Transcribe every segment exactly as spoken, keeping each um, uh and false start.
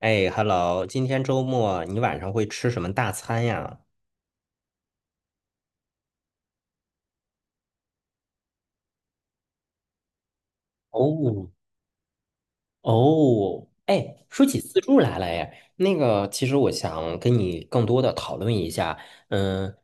哎，Hello，今天周末你晚上会吃什么大餐呀？哦，哦，哎，说起自助来了，哎，那个，其实我想跟你更多的讨论一下，嗯，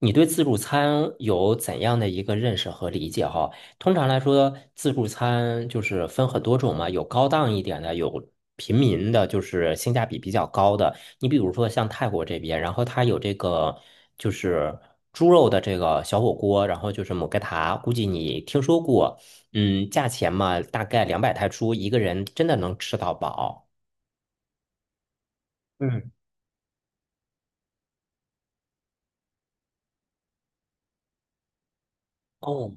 你对自助餐有怎样的一个认识和理解哈？通常来说，自助餐就是分很多种嘛，有高档一点的，有平民的，就是性价比比较高的。你比如说像泰国这边，然后它有这个就是猪肉的这个小火锅，然后就是姆克塔，估计你听说过。嗯，价钱嘛，大概两百泰铢，一个人真的能吃到饱。嗯，哦，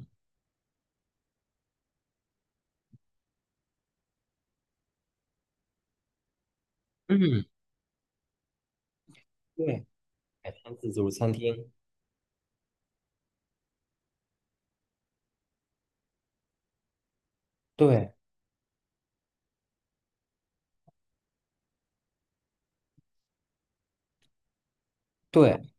嗯，对，海滩自助餐厅，对对，嗯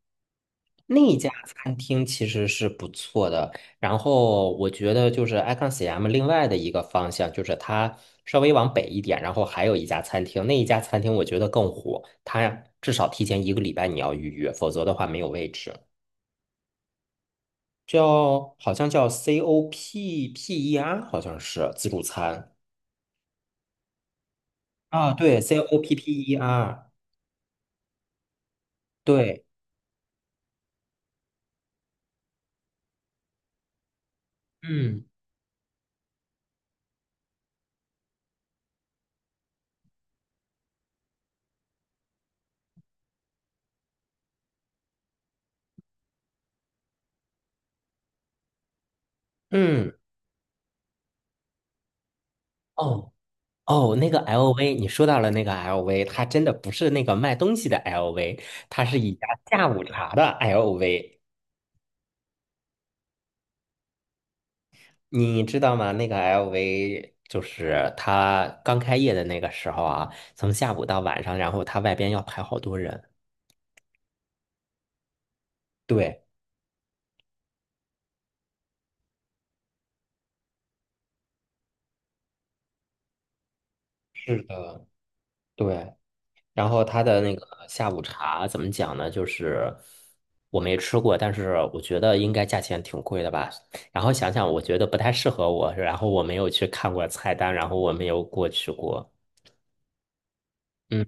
那一家餐厅其实是不错的。然后我觉得就是 Icon C M 另外的一个方向，就是它稍微往北一点，然后还有一家餐厅，那一家餐厅我觉得更火，它至少提前一个礼拜你要预约，否则的话没有位置。叫好像叫 COPPER，好像是自助餐。啊，对，C O P P E R，对，嗯嗯，哦哦，那个 L V，你说到了那个 LV，它真的不是那个卖东西的 LV，它是一家下午茶的 LV，你知道吗？那个 L V 就是它刚开业的那个时候啊，从下午到晚上，然后它外边要排好多人。对，是的，对。然后他的那个下午茶怎么讲呢？就是我没吃过，但是我觉得应该价钱挺贵的吧。然后想想，我觉得不太适合我，然后我没有去看过菜单，然后我没有过去过。嗯，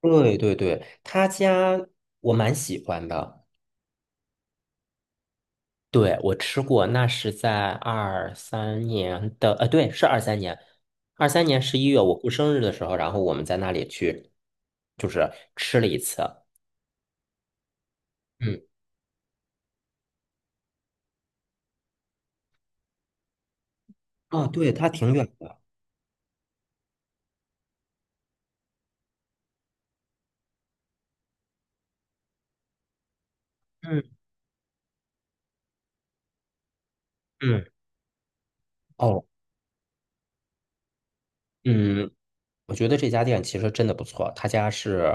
对对对，他家我蛮喜欢的。对，我吃过，那是在二三年的，呃，对，是二三年，二三年十一月我过生日的时候，然后我们在那里去，就是吃了一次。嗯，哦，对，他挺远的。嗯。嗯，哦，嗯，我觉得这家店其实真的不错。他家是，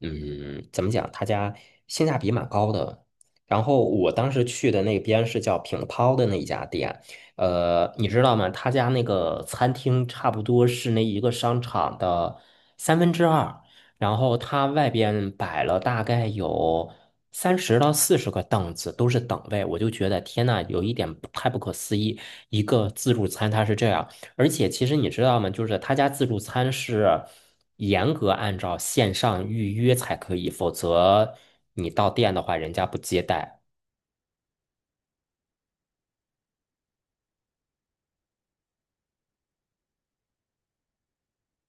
嗯，怎么讲？他家性价比蛮高的。然后我当时去的那边是叫品涛的那一家店，呃，你知道吗？他家那个餐厅差不多是那一个商场的三分之二，然后他外边摆了大概有三十到四十个凳子，都是等位。我就觉得天呐，有一点不太不可思议。一个自助餐它是这样。而且其实你知道吗？就是他家自助餐是严格按照线上预约才可以，否则你到店的话，人家不接待。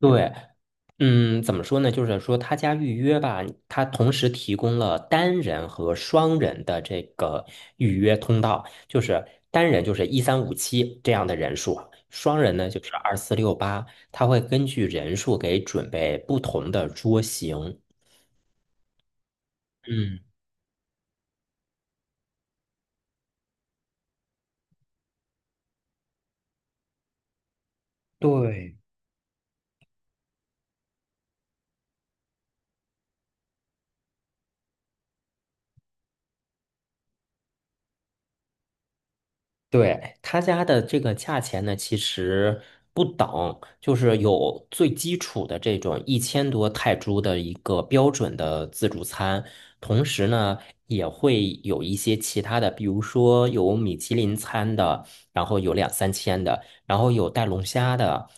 对，嗯，怎么说呢？就是说他家预约吧，他同时提供了单人和双人的这个预约通道，就是单人就是一三五七这样的人数，双人呢就是二四六八，他会根据人数给准备不同的桌型。嗯，对。对，他家的这个价钱呢，其实不等，就是有最基础的这种一千多泰铢的一个标准的自助餐，同时呢也会有一些其他的，比如说有米其林餐的，然后有两三千的，然后有带龙虾的，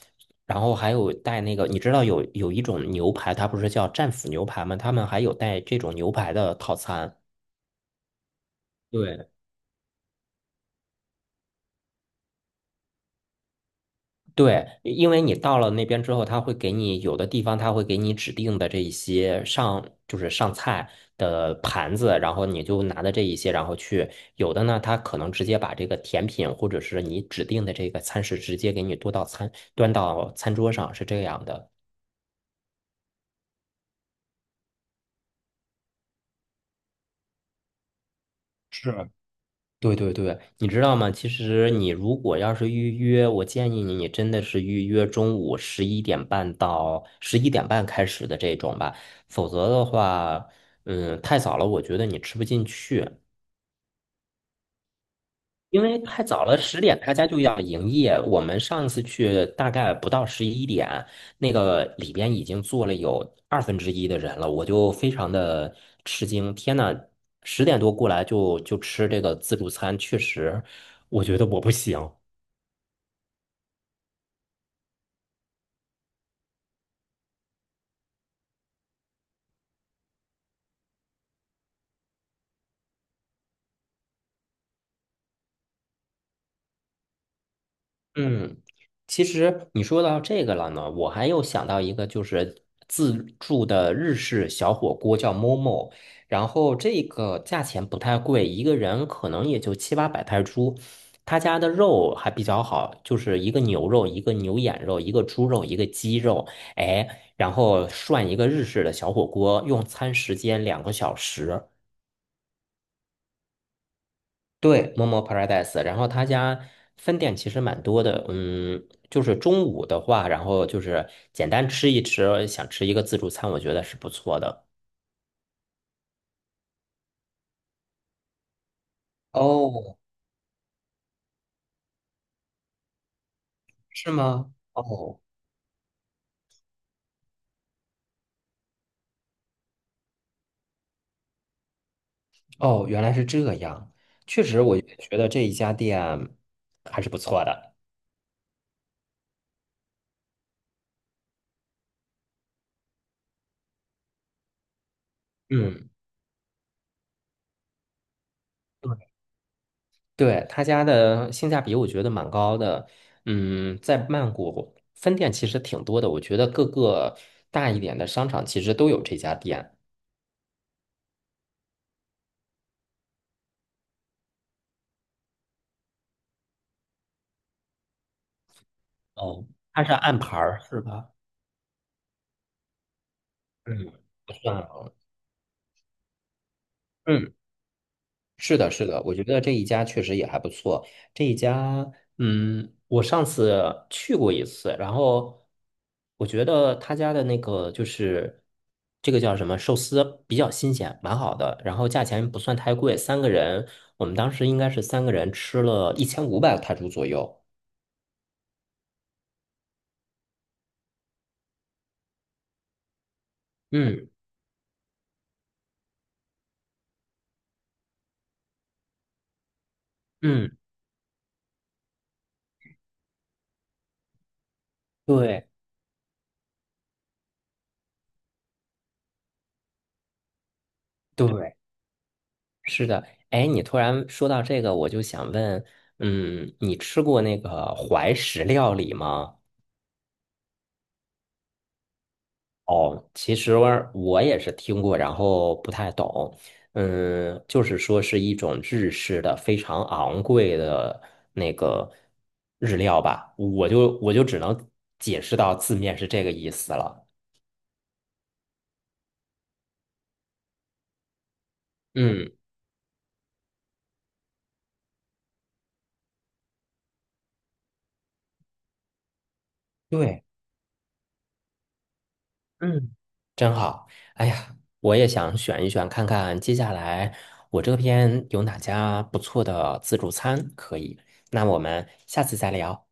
然后还有带那个，你知道有有一种牛排，它不是叫战斧牛排吗？他们还有带这种牛排的套餐。对。对，因为你到了那边之后，他会给你有的地方他会给你指定的这一些上就是上菜的盘子，然后你就拿的这一些，然后去有的呢，他可能直接把这个甜品或者是你指定的这个餐食直接给你端到餐端到餐桌上，是这样的。对对对，你知道吗？其实你如果要是预约，我建议你，你真的是预约中午十一点半到十一点半开始的这种吧，否则的话，嗯，太早了，我觉得你吃不进去。因为太早了，十点他家就要营业。我们上次去大概不到十一点，那个里边已经坐了有二分之一的人了，我就非常的吃惊。天呐，十点多过来就就吃这个自助餐，确实，我觉得我不行。嗯，其实你说到这个了呢，我还有想到一个，就是自助的日式小火锅叫 Momo，然后这个价钱不太贵，一个人可能也就七八百泰铢。他家的肉还比较好，就是一个牛肉，一个牛眼肉，一个猪肉，一个鸡肉，哎，然后涮一个日式的小火锅，用餐时间两个小时。对，Momo Paradise，然后他家分店其实蛮多的，嗯，就是中午的话，然后就是简单吃一吃，想吃一个自助餐，我觉得是不错的。哦，是吗？哦哦，原来是这样，确实我也觉得这一家店还是不错的。嗯，对，对，他家的性价比我觉得蛮高的。嗯，在曼谷分店其实挺多的，我觉得各个大一点的商场其实都有这家店。哦，它是按盘儿是吧？嗯，不算了。嗯，是的，是的，我觉得这一家确实也还不错。这一家，嗯，我上次去过一次，然后我觉得他家的那个就是这个叫什么寿司比较新鲜，蛮好的，然后价钱不算太贵，三个人，我们当时应该是三个人吃了一千五百泰铢左右。嗯嗯，对对，是的，哎，你突然说到这个，我就想问，嗯，你吃过那个怀石料理吗？哦，其实我也是听过，然后不太懂。嗯，就是说是一种日式的非常昂贵的那个日料吧，我就我就只能解释到字面是这个意思了。嗯，对。嗯，真好，哎呀，我也想选一选，看看接下来我这边有哪家不错的自助餐可以。那我们下次再聊。